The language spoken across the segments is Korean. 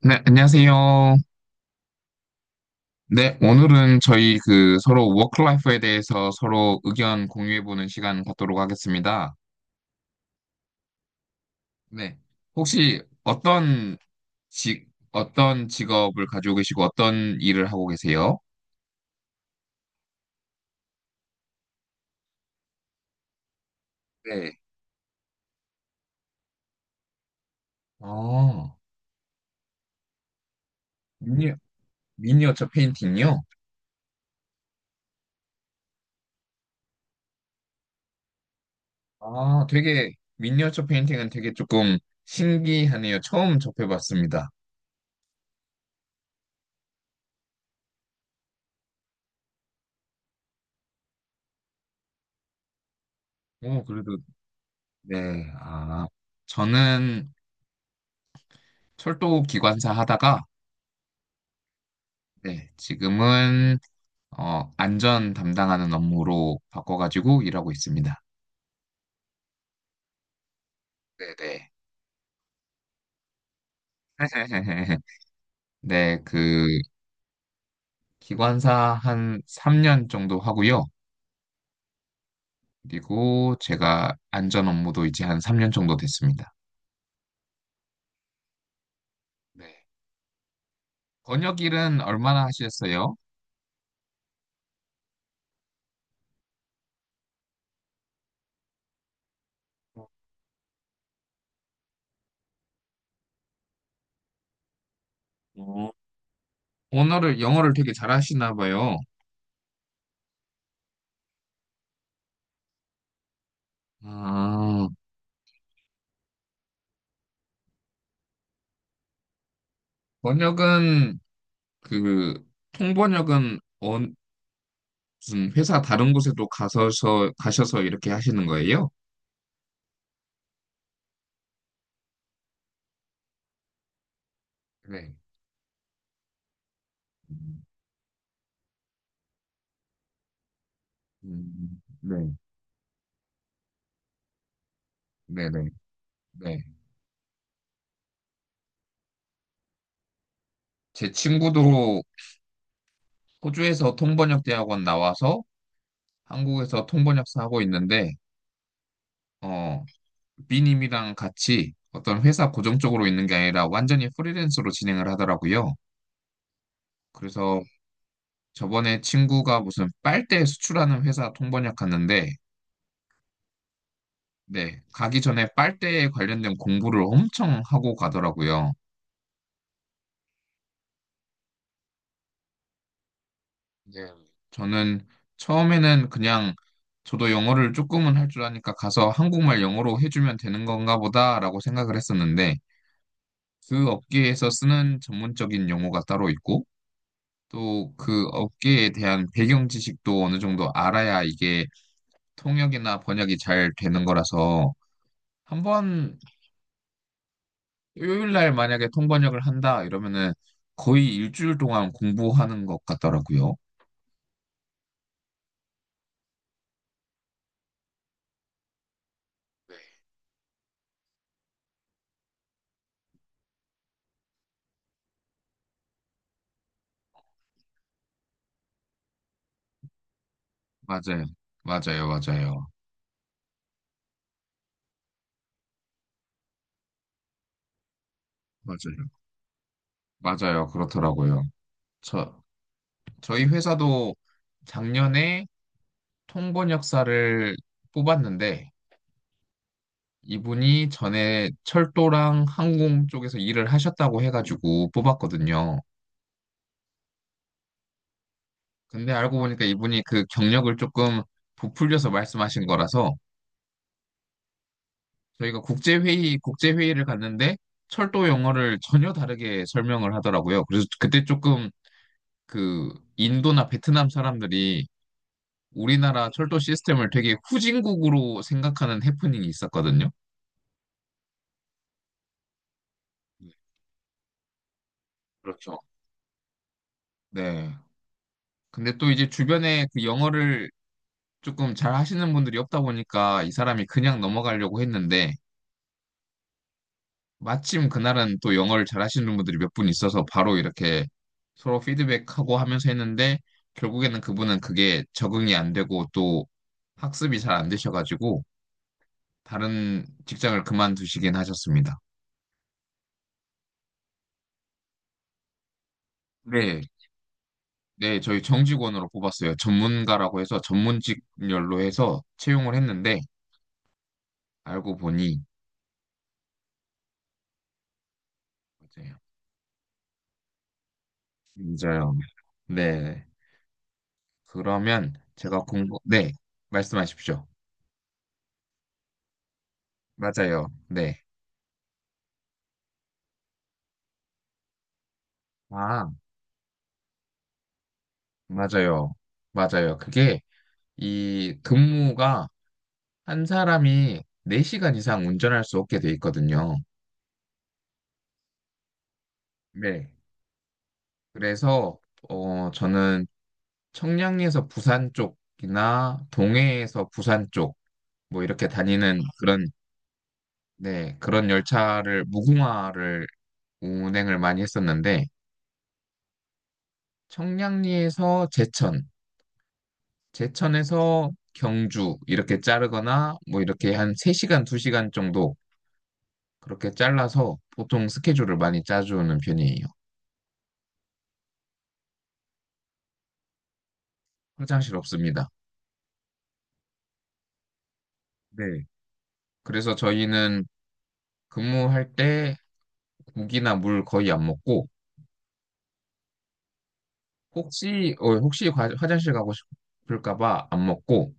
네, 안녕하세요. 네, 오늘은 저희 그 서로 워크라이프에 대해서 서로 의견 공유해보는 시간 갖도록 하겠습니다. 네, 혹시 어떤 직, 어떤 직업을 가지고 계시고 어떤 일을 하고 계세요? 네. 아, 미니, 미니어처 페인팅이요? 아, 되게, 미니어처 페인팅은 되게 조금 신기하네요. 처음 접해봤습니다. 오, 그래도, 네, 아, 저는 철도 기관사 하다가 네, 지금은 안전 담당하는 업무로 바꿔가지고 일하고 있습니다. 네네. 네, 그 기관사 한 3년 정도 하고요. 그리고 제가 안전 업무도 이제 한 3년 정도 됐습니다. 네. 번역 일은 얼마나 하셨어요? 어, 언어를, 영어를 되게 잘하시나 봐요. 아, 번역은 그 통번역은 무슨 회사 다른 곳에도 가셔서 이렇게 하시는 거예요? 네, 네, 네, 네, 네. 제 친구도 호주에서 통번역 대학원 나와서 한국에서 통번역사 하고 있는데, 어, B님이랑 같이 어떤 회사 고정적으로 있는 게 아니라 완전히 프리랜서로 진행을 하더라고요. 그래서 저번에 친구가 무슨 빨대 수출하는 회사 통번역 갔는데, 네, 가기 전에 빨대에 관련된 공부를 엄청 하고 가더라고요. 네. 저는 처음에는 그냥 저도 영어를 조금은 할 줄 아니까 가서 한국말 영어로 해주면 되는 건가 보다라고 생각을 했었는데 그 업계에서 쓰는 전문적인 용어가 따로 있고 또 그 업계에 대한 배경 지식도 어느 정도 알아야 이게 통역이나 번역이 잘 되는 거라서 한번 요일 날 만약에 통번역을 한다 이러면은 거의 일주일 동안 공부하는 것 같더라고요. 네. 맞아요. 맞아요. 맞아요. 맞아요. 맞아요. 그렇더라고요. 저, 저희 회사도 작년에 통번역사를 뽑았는데 이분이 전에 철도랑 항공 쪽에서 일을 하셨다고 해가지고 뽑았거든요. 근데 알고 보니까 이분이 그 경력을 조금 부풀려서 말씀하신 거라서 저희가 국제회의를 갔는데 철도 영어를 전혀 다르게 설명을 하더라고요. 그래서 그때 조금 그 인도나 베트남 사람들이 우리나라 철도 시스템을 되게 후진국으로 생각하는 해프닝이 있었거든요. 네, 그렇죠. 네. 근데 또 이제 주변에 그 영어를 조금 잘 하시는 분들이 없다 보니까 이 사람이 그냥 넘어가려고 했는데 마침 그날은 또 영어를 잘 하시는 분들이 몇 분 있어서 바로 이렇게 서로 피드백하고 하면서 했는데 결국에는 그분은 그게 적응이 안 되고 또 학습이 잘 안 되셔가지고 다른 직장을 그만두시긴 하셨습니다. 네. 네, 저희 정직원으로 뽑았어요. 전문가라고 해서 전문직렬로 해서 채용을 했는데 알고 보니 맞아요. 맞아요. 네. 그러면 제가 공부 네, 말씀하십시오. 맞아요. 네. 아, 맞아요. 맞아요. 그게 이 근무가 한 사람이 4시간 이상 운전할 수 없게 돼 있거든요. 네. 그래서 저는 청량리에서 부산 쪽이나 동해에서 부산 쪽 뭐 이렇게 다니는 그런 네 그런 열차를 무궁화를 운행을 많이 했었는데 청량리에서 제천, 제천에서 경주 이렇게 자르거나 뭐 이렇게 한 3시간, 2시간 정도 그렇게 잘라서 보통 스케줄을 많이 짜주는 편이에요. 화장실 없습니다. 네. 그래서 저희는 근무할 때 국이나 물 거의 안 먹고 혹시 화장실 가고 싶을까 봐 안 먹고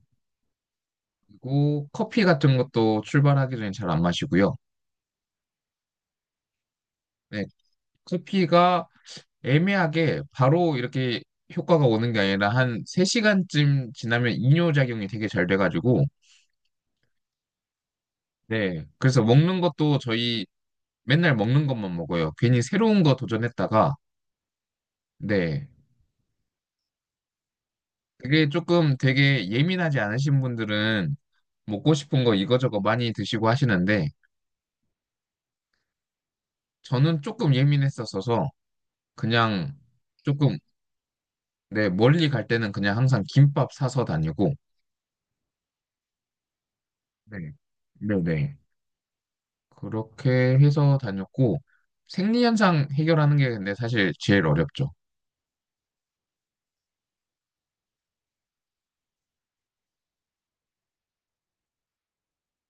그리고 커피 같은 것도 출발하기 전에 잘 안 마시고요. 네, 커피가 애매하게 바로 이렇게 효과가 오는 게 아니라 한 3시간쯤 지나면 이뇨작용이 되게 잘 돼가지고, 네, 그래서 먹는 것도 저희 맨날 먹는 것만 먹어요. 괜히 새로운 거 도전했다가, 네, 그게 조금 되게 예민하지 않으신 분들은 먹고 싶은 거 이거저거 많이 드시고 하시는데, 저는 조금 예민했었어서 그냥 조금 네, 멀리 갈 때는 그냥 항상 김밥 사서 다니고, 네, 네네. 그렇게 해서 다녔고, 생리현상 해결하는 게 근데 사실 제일 어렵죠.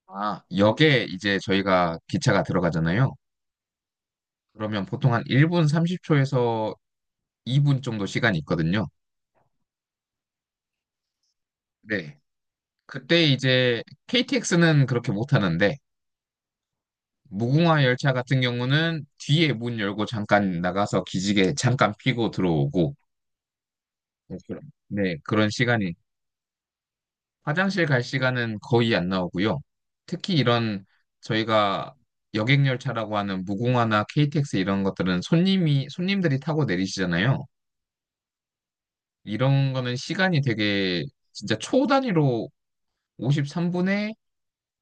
아, 역에 이제 저희가 기차가 들어가잖아요. 그러면 보통 한 1분 30초에서 2분 정도 시간이 있거든요. 네. 그때 이제 KTX는 그렇게 못 하는데, 무궁화 열차 같은 경우는 뒤에 문 열고 잠깐 나가서 기지개 잠깐 피고 들어오고, 네, 그런 네, 그런 시간이 화장실 갈 시간은 거의 안 나오고요. 특히 이런 저희가 여객열차라고 하는 무궁화나 KTX 이런 것들은 손님들이 타고 내리시잖아요. 이런 거는 시간이 되게 진짜 초 단위로 53분에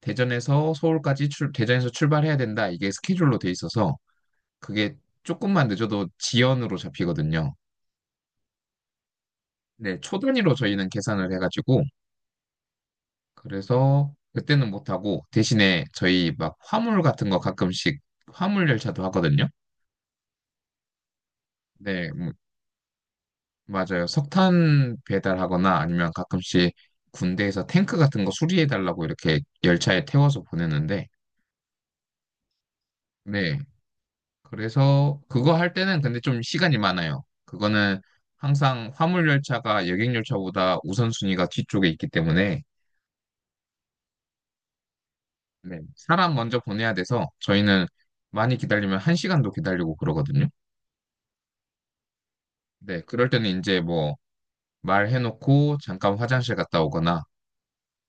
대전에서 출발해야 된다. 이게 스케줄로 돼 있어서 그게 조금만 늦어도 지연으로 잡히거든요. 네, 초 단위로 저희는 계산을 해가지고 그래서 그때는 못하고 대신에 저희 막 화물 같은 거 가끔씩 화물 열차도 하거든요. 네, 맞아요. 석탄 배달하거나 아니면 가끔씩 군대에서 탱크 같은 거 수리해달라고 이렇게 열차에 태워서 보내는데, 네. 그래서 그거 할 때는 근데 좀 시간이 많아요. 그거는 항상 화물 열차가 여객 열차보다 우선순위가 뒤쪽에 있기 때문에, 네, 사람 먼저 보내야 돼서 저희는 많이 기다리면 한시간도 기다리고 그러거든요. 네, 그럴 때는 이제 뭐 말해놓고 잠깐 화장실 갔다 오거나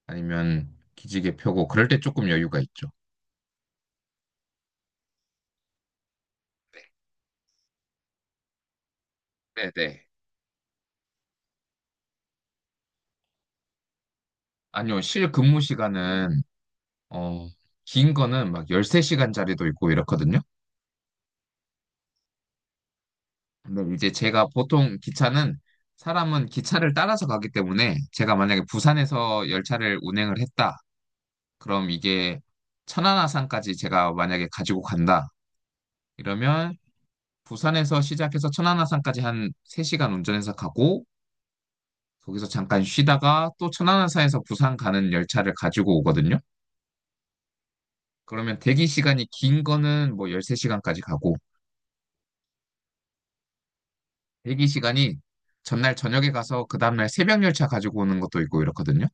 아니면 기지개 펴고 그럴 때 조금 여유가 있죠. 네, 네. 아니요, 실 근무 시간은 어, 긴 거는 막 13시간짜리도 있고 이렇거든요. 근데 이제 제가 보통 기차는 사람은 기차를 따라서 가기 때문에 제가 만약에 부산에서 열차를 운행을 했다. 그럼 이게 천안아산까지 제가 만약에 가지고 간다. 이러면 부산에서 시작해서 천안아산까지 한 3시간 운전해서 가고 거기서 잠깐 쉬다가 또 천안함사에서 부산 가는 열차를 가지고 오거든요. 그러면 대기 시간이 긴 거는 뭐 13시간까지 가고, 대기 시간이 전날 저녁에 가서 그 다음날 새벽 열차 가지고 오는 것도 있고 이렇거든요.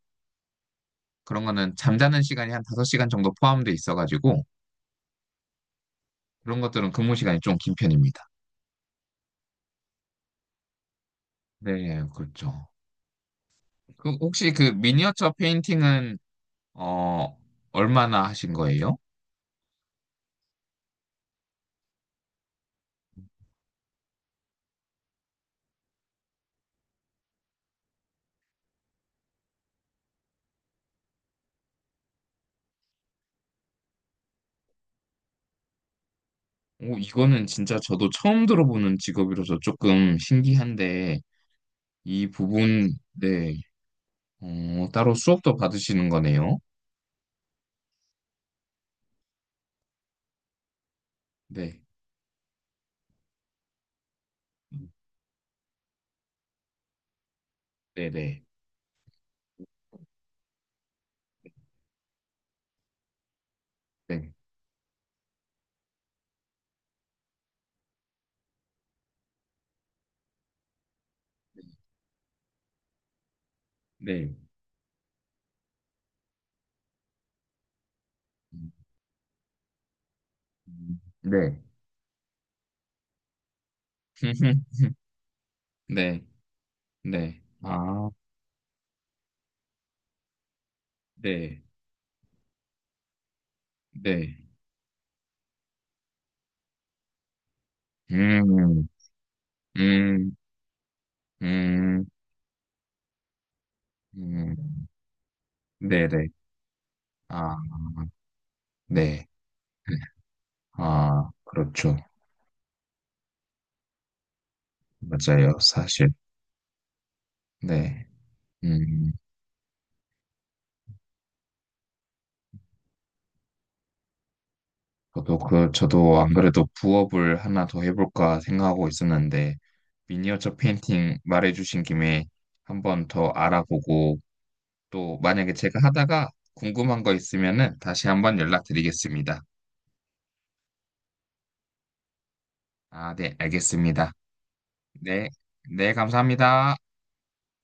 그런 거는 잠자는 시간이 한 5시간 정도 포함돼 있어가지고, 그런 것들은 근무 시간이 좀 긴 편입니다. 네, 그렇죠. 그 혹시 그 미니어처 페인팅은, 어, 얼마나 하신 거예요? 오, 이거는 진짜 저도 처음 들어보는 직업이라서 조금 신기한데, 이 부분, 네. 따로 수업도 받으시는 거네요. 네. 네네. 네. 네. 음, 네. 네. 네. 아, 네. 네. 음, 음, 음, 음. 네네. 아, 네. 아, 그렇죠. 맞아요. 사실. 네. 음. 저도 안 그래도 부업을 하나 더 해볼까 생각하고 있었는데 미니어처 페인팅 말해주신 김에 한번 더 알아보고 또 만약에 제가 하다가 궁금한 거 있으면은 다시 한번 연락드리겠습니다. 아, 네, 알겠습니다. 네, 네, 감사합니다.